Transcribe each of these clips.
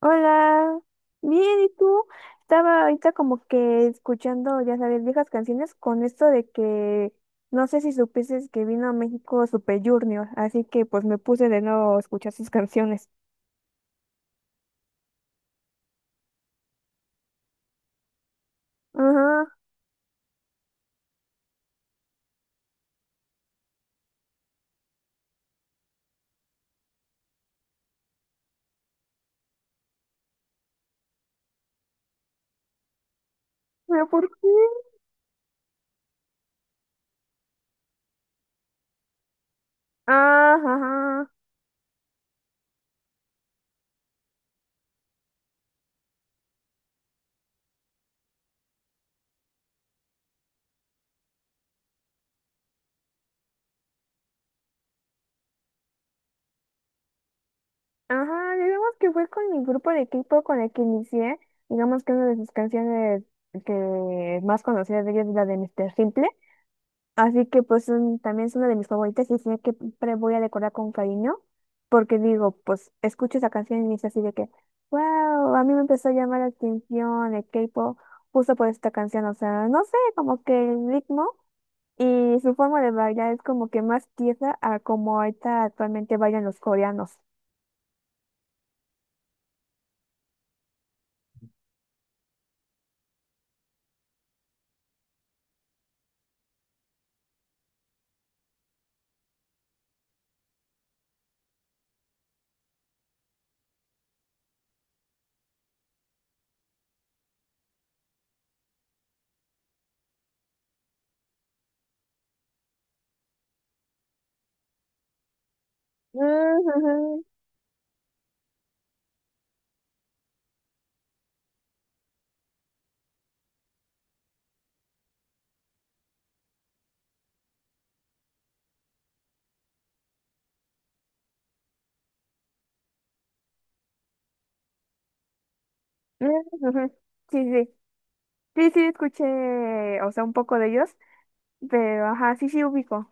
Hola, bien, ¿y tú? Estaba ahorita como que escuchando, ya sabes, viejas canciones con esto de que no sé si supiste que vino a México Super Junior, así que pues me puse de nuevo a escuchar sus canciones. Ajá, ¿pero por qué? Ah, ajá, ajá, digamos que fue con mi grupo de equipo con el que inicié, digamos que una de sus canciones que más conocidas de ellos es la de Mr. Simple. Así que pues también es una de mis favoritas y sé que siempre voy a decorar con cariño porque digo, pues escucho esa canción y es así de que, wow, a mí me empezó a llamar la atención el K-pop justo por esta canción, o sea, no sé, como que el ritmo y su forma de bailar es como que más tiesa a como ahorita actualmente bailan los coreanos. Ujujú, ujujú. Sí, sí, sí, sí, escuché, o sea, un poco de ellos, pero ajá, sí, sí, ubico.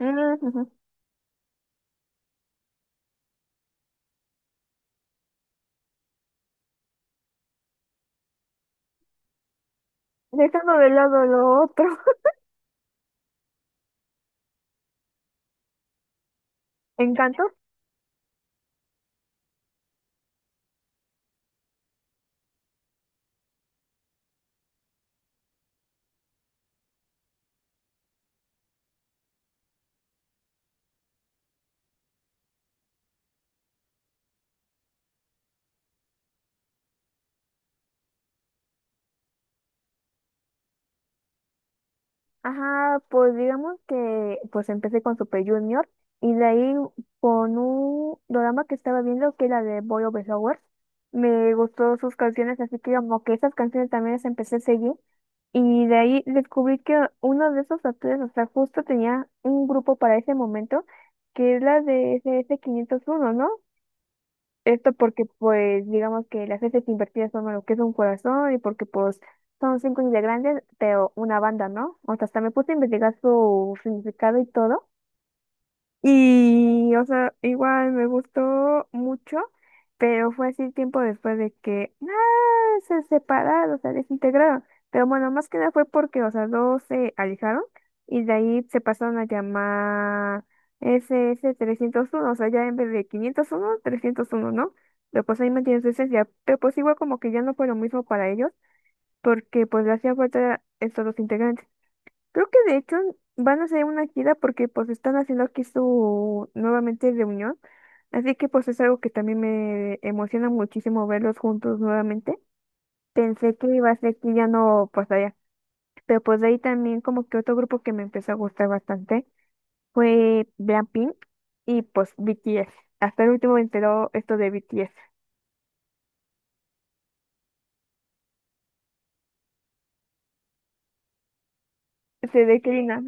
Ujú. Dejando de lado lo otro. Encanto. Ajá, pues digamos que pues empecé con Super Junior y de ahí con un drama que estaba viendo que era de Boy Over Flowers. Me gustó sus canciones, así que como que esas canciones también las empecé a seguir. Y de ahí descubrí que uno de esos actores, o sea, justo tenía un grupo para ese momento, que es la de SS501, ¿no? Esto porque, pues, digamos que las veces invertidas son lo que es un corazón y porque, pues, son 5 integrantes, pero una banda, ¿no? O sea, hasta me puse a investigar su significado y todo. Y, o sea, igual me gustó mucho, pero fue así tiempo después de que, ah, se separaron, o sea desintegraron. Pero bueno, más que nada fue porque, o sea, dos se alejaron y de ahí se pasaron a llamar SS301, o sea, ya en vez de 501, 301 ¿no? Pero pues ahí mantiene su esencia, pero pues igual como que ya no fue lo mismo para ellos, porque pues le hacía falta estos dos integrantes. Creo que de hecho van a hacer una gira porque pues están haciendo aquí su nuevamente reunión. Así que pues es algo que también me emociona muchísimo verlos juntos nuevamente. Pensé que iba a ser que ya no pasaría. Pero pues de ahí también como que otro grupo que me empezó a gustar bastante fue Blackpink y pues BTS. Hasta el último me enteró esto de BTS. Se ve que Lina,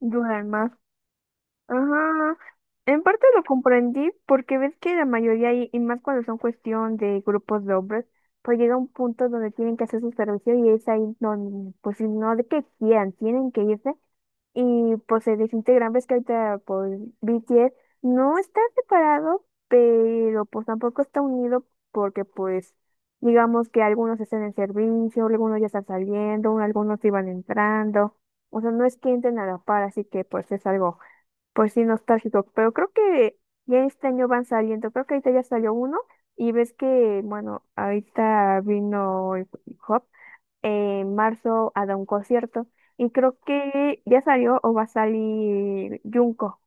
duran más. Ajá, en parte lo comprendí porque ves que la mayoría, y más cuando son cuestión de grupos de hombres, pues llega un punto donde tienen que hacer su servicio y es ahí donde, pues si no de que quieran, tienen que irse y pues se desintegran. Ves que ahorita pues BTS no está separado, pero pues tampoco está unido porque pues digamos que algunos están en servicio, algunos ya están saliendo, algunos iban entrando, o sea, no es que entren a la par, así que pues es algo. Pues sí, nostálgico, pero creo que ya este año van saliendo, creo que ahorita ya salió uno y ves que, bueno, ahorita vino el hip hop en marzo a dar un concierto y creo que ya salió o va a salir Junko.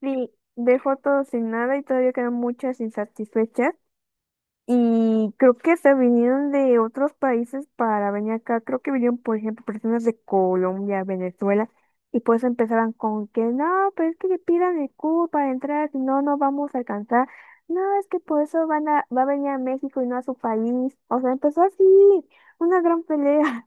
Sí, de fotos sin nada y todavía quedan muchas insatisfechas. Y creo que se vinieron de otros países para venir acá. Creo que vinieron, por ejemplo, personas de Colombia, Venezuela, y pues empezaron con que no, pero es que le pidan el cubo para entrar, si no, no vamos a alcanzar. No, es que por eso va a venir a México y no a su país. O sea, empezó así, una gran pelea.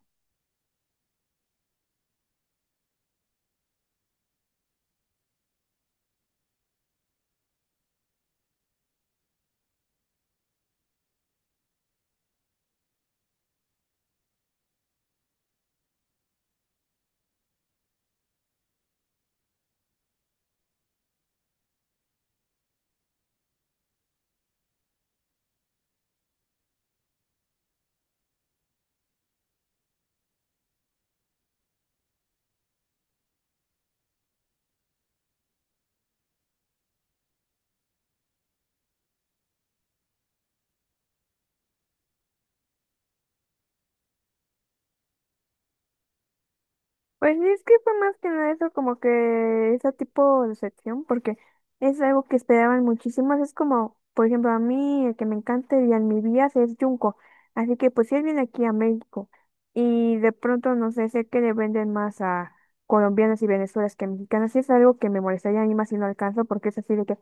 Pues sí, es que fue más que nada eso, como que ese tipo de sección, porque es algo que esperaban muchísimas. Es como, por ejemplo, a mí, el que me encanta y en mi vida es Junko. Así que, pues, si él viene aquí a México y de pronto, no sé, sé que le venden más a colombianas y venezolanas que a mexicanas, y es algo que me molestaría a mí más si no alcanzo, porque es así de que,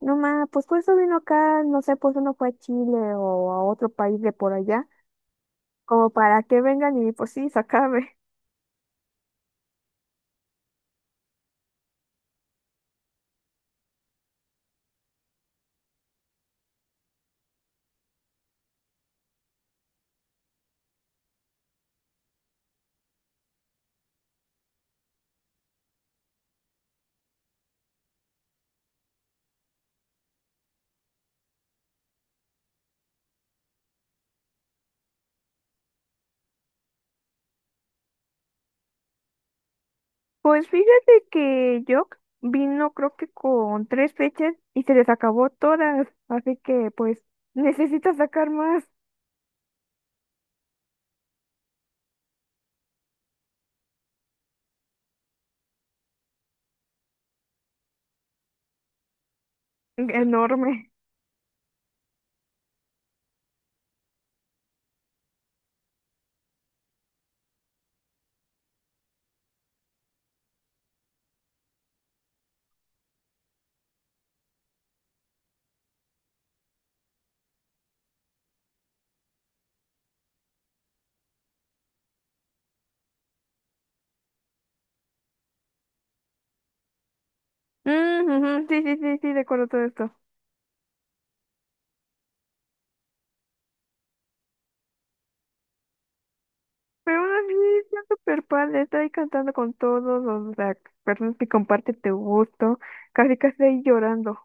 no ma, pues por eso vino acá, no sé, pues uno fue a Chile o a otro país de por allá, como para que vengan y pues sí, se acabe. Pues fíjate que Jock vino creo que con 3 fechas y se les acabó todas, así que pues necesita sacar más. Enorme. Mm, ujú, sí, sí, sí, sí, recuerdo todo esto. Pero aún así está súper padre, está ahí cantando con todos las personas que comparte tu gusto, casi casi ahí llorando.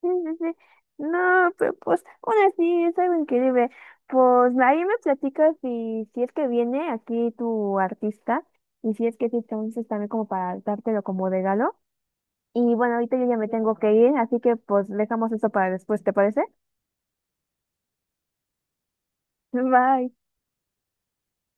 Sí, sí, sí. No, pero pues aún así es algo increíble. Pues ahí me platicas si es que viene aquí tu artista y si es que sí, entonces también como para dártelo como regalo. Y bueno, ahorita yo ya me tengo que ir, así que pues dejamos eso para después, ¿te parece? Bye.